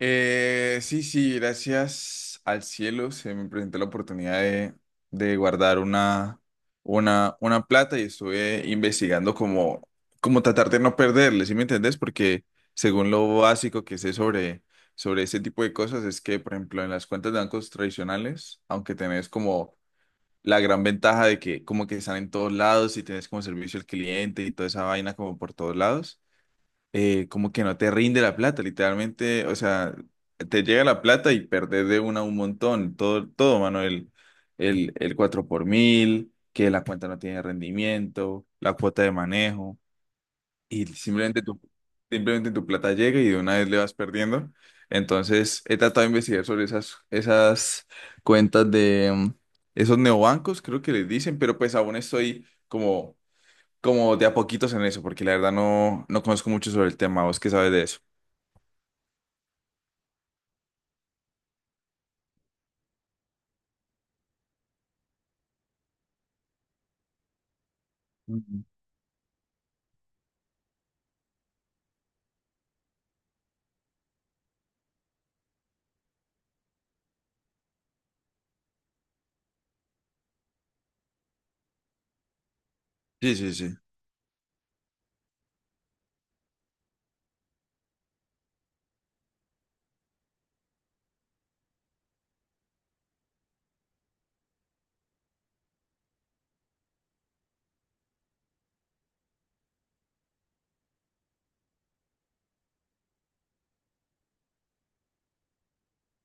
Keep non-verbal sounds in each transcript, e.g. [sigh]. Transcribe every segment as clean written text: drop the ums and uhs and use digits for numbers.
Sí, sí, gracias al cielo se me presentó la oportunidad de guardar una plata y estuve investigando como tratar de no perderle, ¿sí me entendés? Porque según lo básico que sé sobre ese tipo de cosas es que, por ejemplo, en las cuentas de bancos tradicionales, aunque tenés como la gran ventaja de que como que están en todos lados y tenés como servicio al cliente y toda esa vaina como por todos lados, como que no te rinde la plata, literalmente, o sea, te llega la plata y perdés de una un montón, todo, mano, el 4 por mil, que la cuenta no tiene rendimiento, la cuota de manejo, y simplemente tu plata llega y de una vez le vas perdiendo. Entonces, he tratado de investigar sobre esas cuentas de esos neobancos, creo que les dicen, pero pues aún estoy como de a poquitos en eso, porque la verdad no conozco mucho sobre el tema. ¿Vos qué sabes de eso? Ujú. Sí, sí, sí.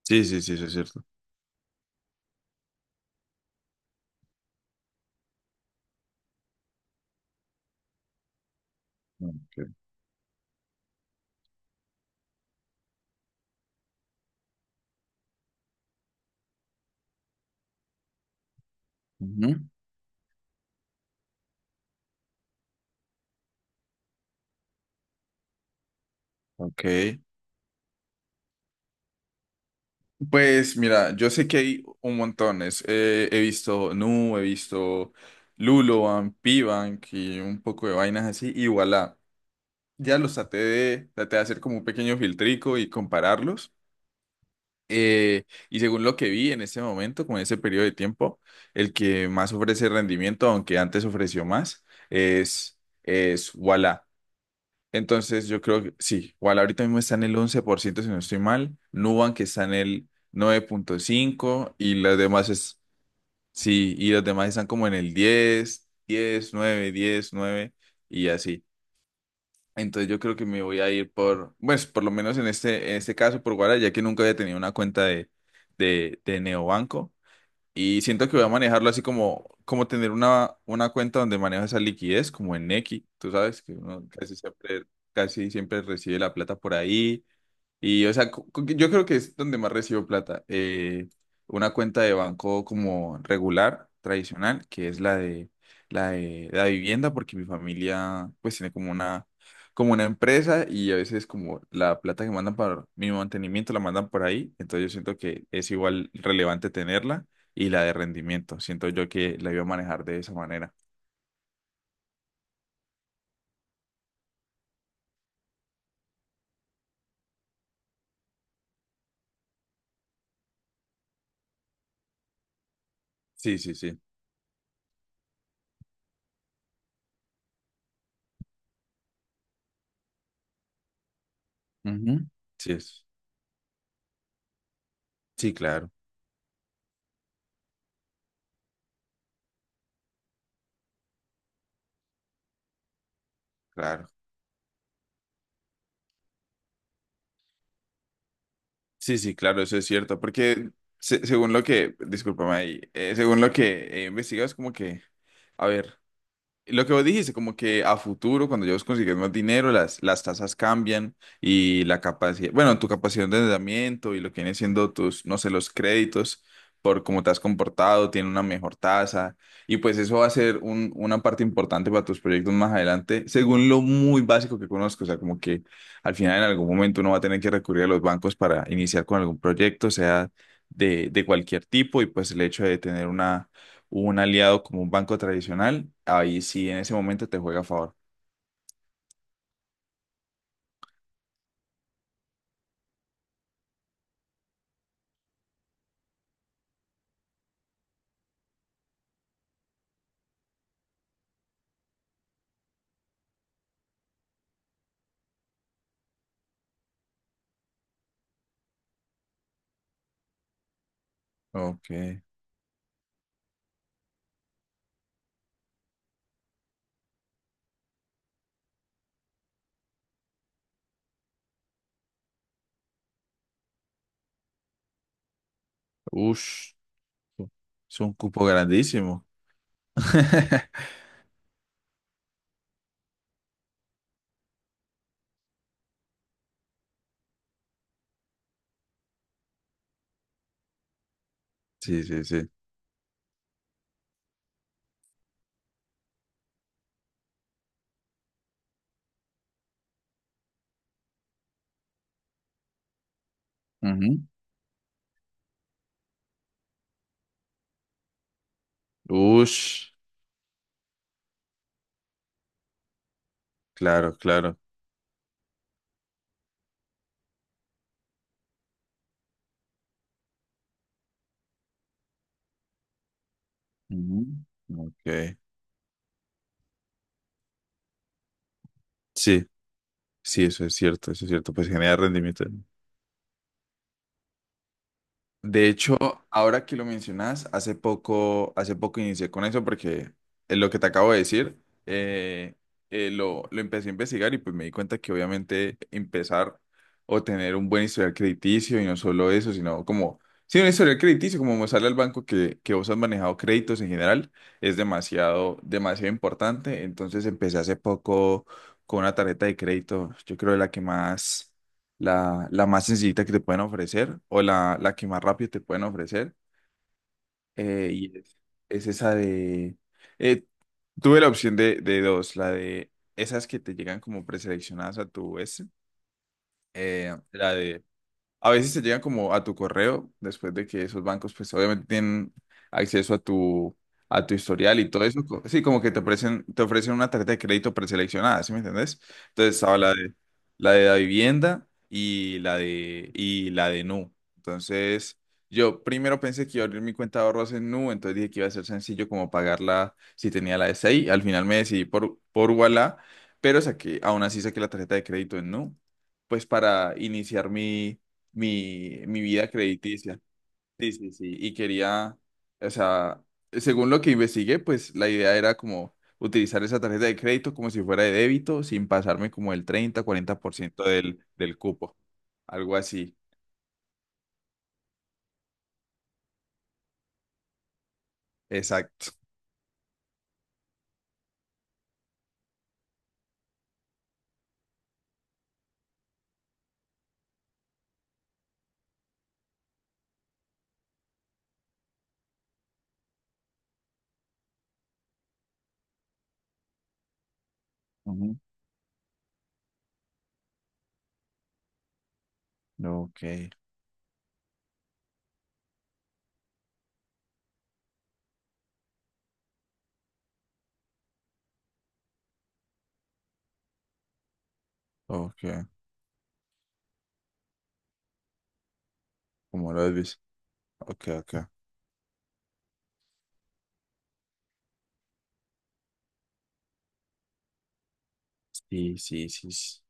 Sí, sí, sí, sí, es cierto. Ok. Ujú. Ok. Pues mira, yo sé que hay un montón. He visto Nu, he visto Luloan, Pibank y un poco de vainas así. Y voilà. Ya los traté de hacer como un pequeño filtrico y compararlos. Eh, y según lo que vi en ese momento, con ese periodo de tiempo, el que más ofrece rendimiento, aunque antes ofreció más, es, es Wala. Entonces yo creo que sí, Wala ahorita mismo está en el 11% si no estoy mal, Nubank está en el 9,5 y los demás sí, y los demás están como en el 10 10 9 10 9 y así. Entonces yo creo que me voy a ir por, pues por lo menos en en este caso por Guara, ya que nunca había tenido una cuenta de Neobanco. Y siento que voy a manejarlo así como, como tener una cuenta donde manejo esa liquidez, como en Nequi. Tú sabes que uno casi siempre recibe la plata por ahí y, o sea, yo creo que es donde más recibo plata. Una cuenta de banco como regular, tradicional, que es la de la vivienda, porque mi familia pues tiene como una empresa y a veces como la plata que mandan para mi mantenimiento la mandan por ahí. Entonces yo siento que es igual relevante tenerla y la de rendimiento. Siento yo que la iba a manejar de esa manera. Sí, sí, sí. Ujú. Sí, es. Sí, claro, claro. Sí, sí, claro, eso es cierto, porque según lo que, discúlpame ahí, según lo que he investigado, es como que, a ver. Lo que vos dijiste, como que a futuro, cuando ya vos consigues más dinero, las tasas cambian y la capacidad, bueno, tu capacidad de endeudamiento y lo que viene siendo tus, no sé, los créditos por cómo te has comportado, tiene una mejor tasa y pues eso va a ser un- una parte importante para tus proyectos más adelante, según lo muy básico que conozco, o sea, como que al final en algún momento uno va a tener que recurrir a los bancos para iniciar con algún proyecto, sea de cualquier tipo y pues el hecho de tener una un aliado como un banco tradicional, ahí sí en ese momento te juega a favor. Ok. Ush, es un cupo grandísimo. [laughs] Sí, sí, sí. Ujú. Ush, claro, claro. Ujú. Ok. Sí, sí, eso es cierto, eso es cierto. Pues genera rendimiento. De hecho, ahora que lo mencionas, hace poco inicié con eso porque es lo que te acabo de decir, eh, lo empecé a investigar y pues me di cuenta que obviamente empezar o tener un buen historial crediticio y no solo eso, sino como, sí, un historial crediticio, como mostrarle al banco que vos has manejado créditos en general, es demasiado, demasiado importante. Entonces empecé hace poco con una tarjeta de crédito, yo creo de la que más la más sencillita que te pueden ofrecer o la que más rápido te pueden ofrecer. Y es esa de... eh, tuve la opción de dos, la de esas que te llegan como preseleccionadas a tu S, la de a veces te llegan como a tu correo, después de que esos bancos, pues obviamente tienen acceso a tu, historial y todo eso. Sí, como que te ofrecen una tarjeta de crédito preseleccionada, ¿sí me entendés? Entonces estaba la de la vivienda y la de Nu. Entonces, yo primero pensé que iba a abrir mi cuenta de ahorros en Nu, entonces dije que iba a ser sencillo como pagarla si tenía la de 6. Al final me decidí por Ualá, pero saqué, aún así saqué la tarjeta de crédito en Nu, pues para iniciar mi vida crediticia. Sí, sí, sí. Y quería, o sea, según lo que investigué, pues la idea era como utilizar esa tarjeta de crédito como si fuera de débito, sin pasarme como el 30-40% del cupo. Algo así. Exacto. Ujú. Ok, ok. Como lo ves. Ok, ok. Sí, sí, sí. Sí.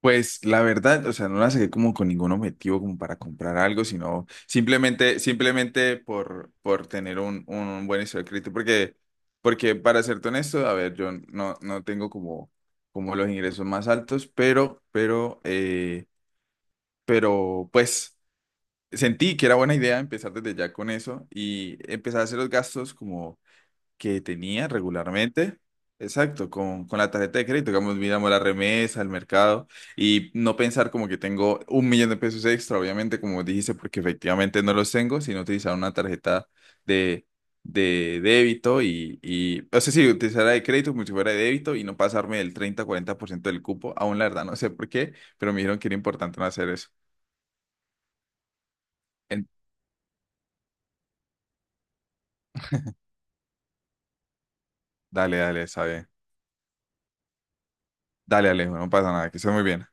Pues la verdad, o sea, no la saqué como con ningún objetivo como para comprar algo, sino simplemente, simplemente por tener un buen historial crédito, porque, porque para serte honesto, a ver, yo no tengo como los ingresos más altos, pero pues sentí que era buena idea empezar desde ya con eso y empezar a hacer los gastos que tenía regularmente. Exacto, con la tarjeta de crédito, digamos, miramos la remesa, el mercado y no pensar como que tengo 1 millón de pesos extra, obviamente, como dijiste, porque efectivamente no los tengo, sino utilizar una tarjeta de, de débito y, o sea, sí, utilizar la de crédito como si fuera de débito y no pasarme del 30-40% del cupo, aún la verdad, no sé por qué, pero me dijeron que era importante no hacer eso. En- Dale, dale, sabe. Dale, Alejo, no pasa nada, que estés muy bien.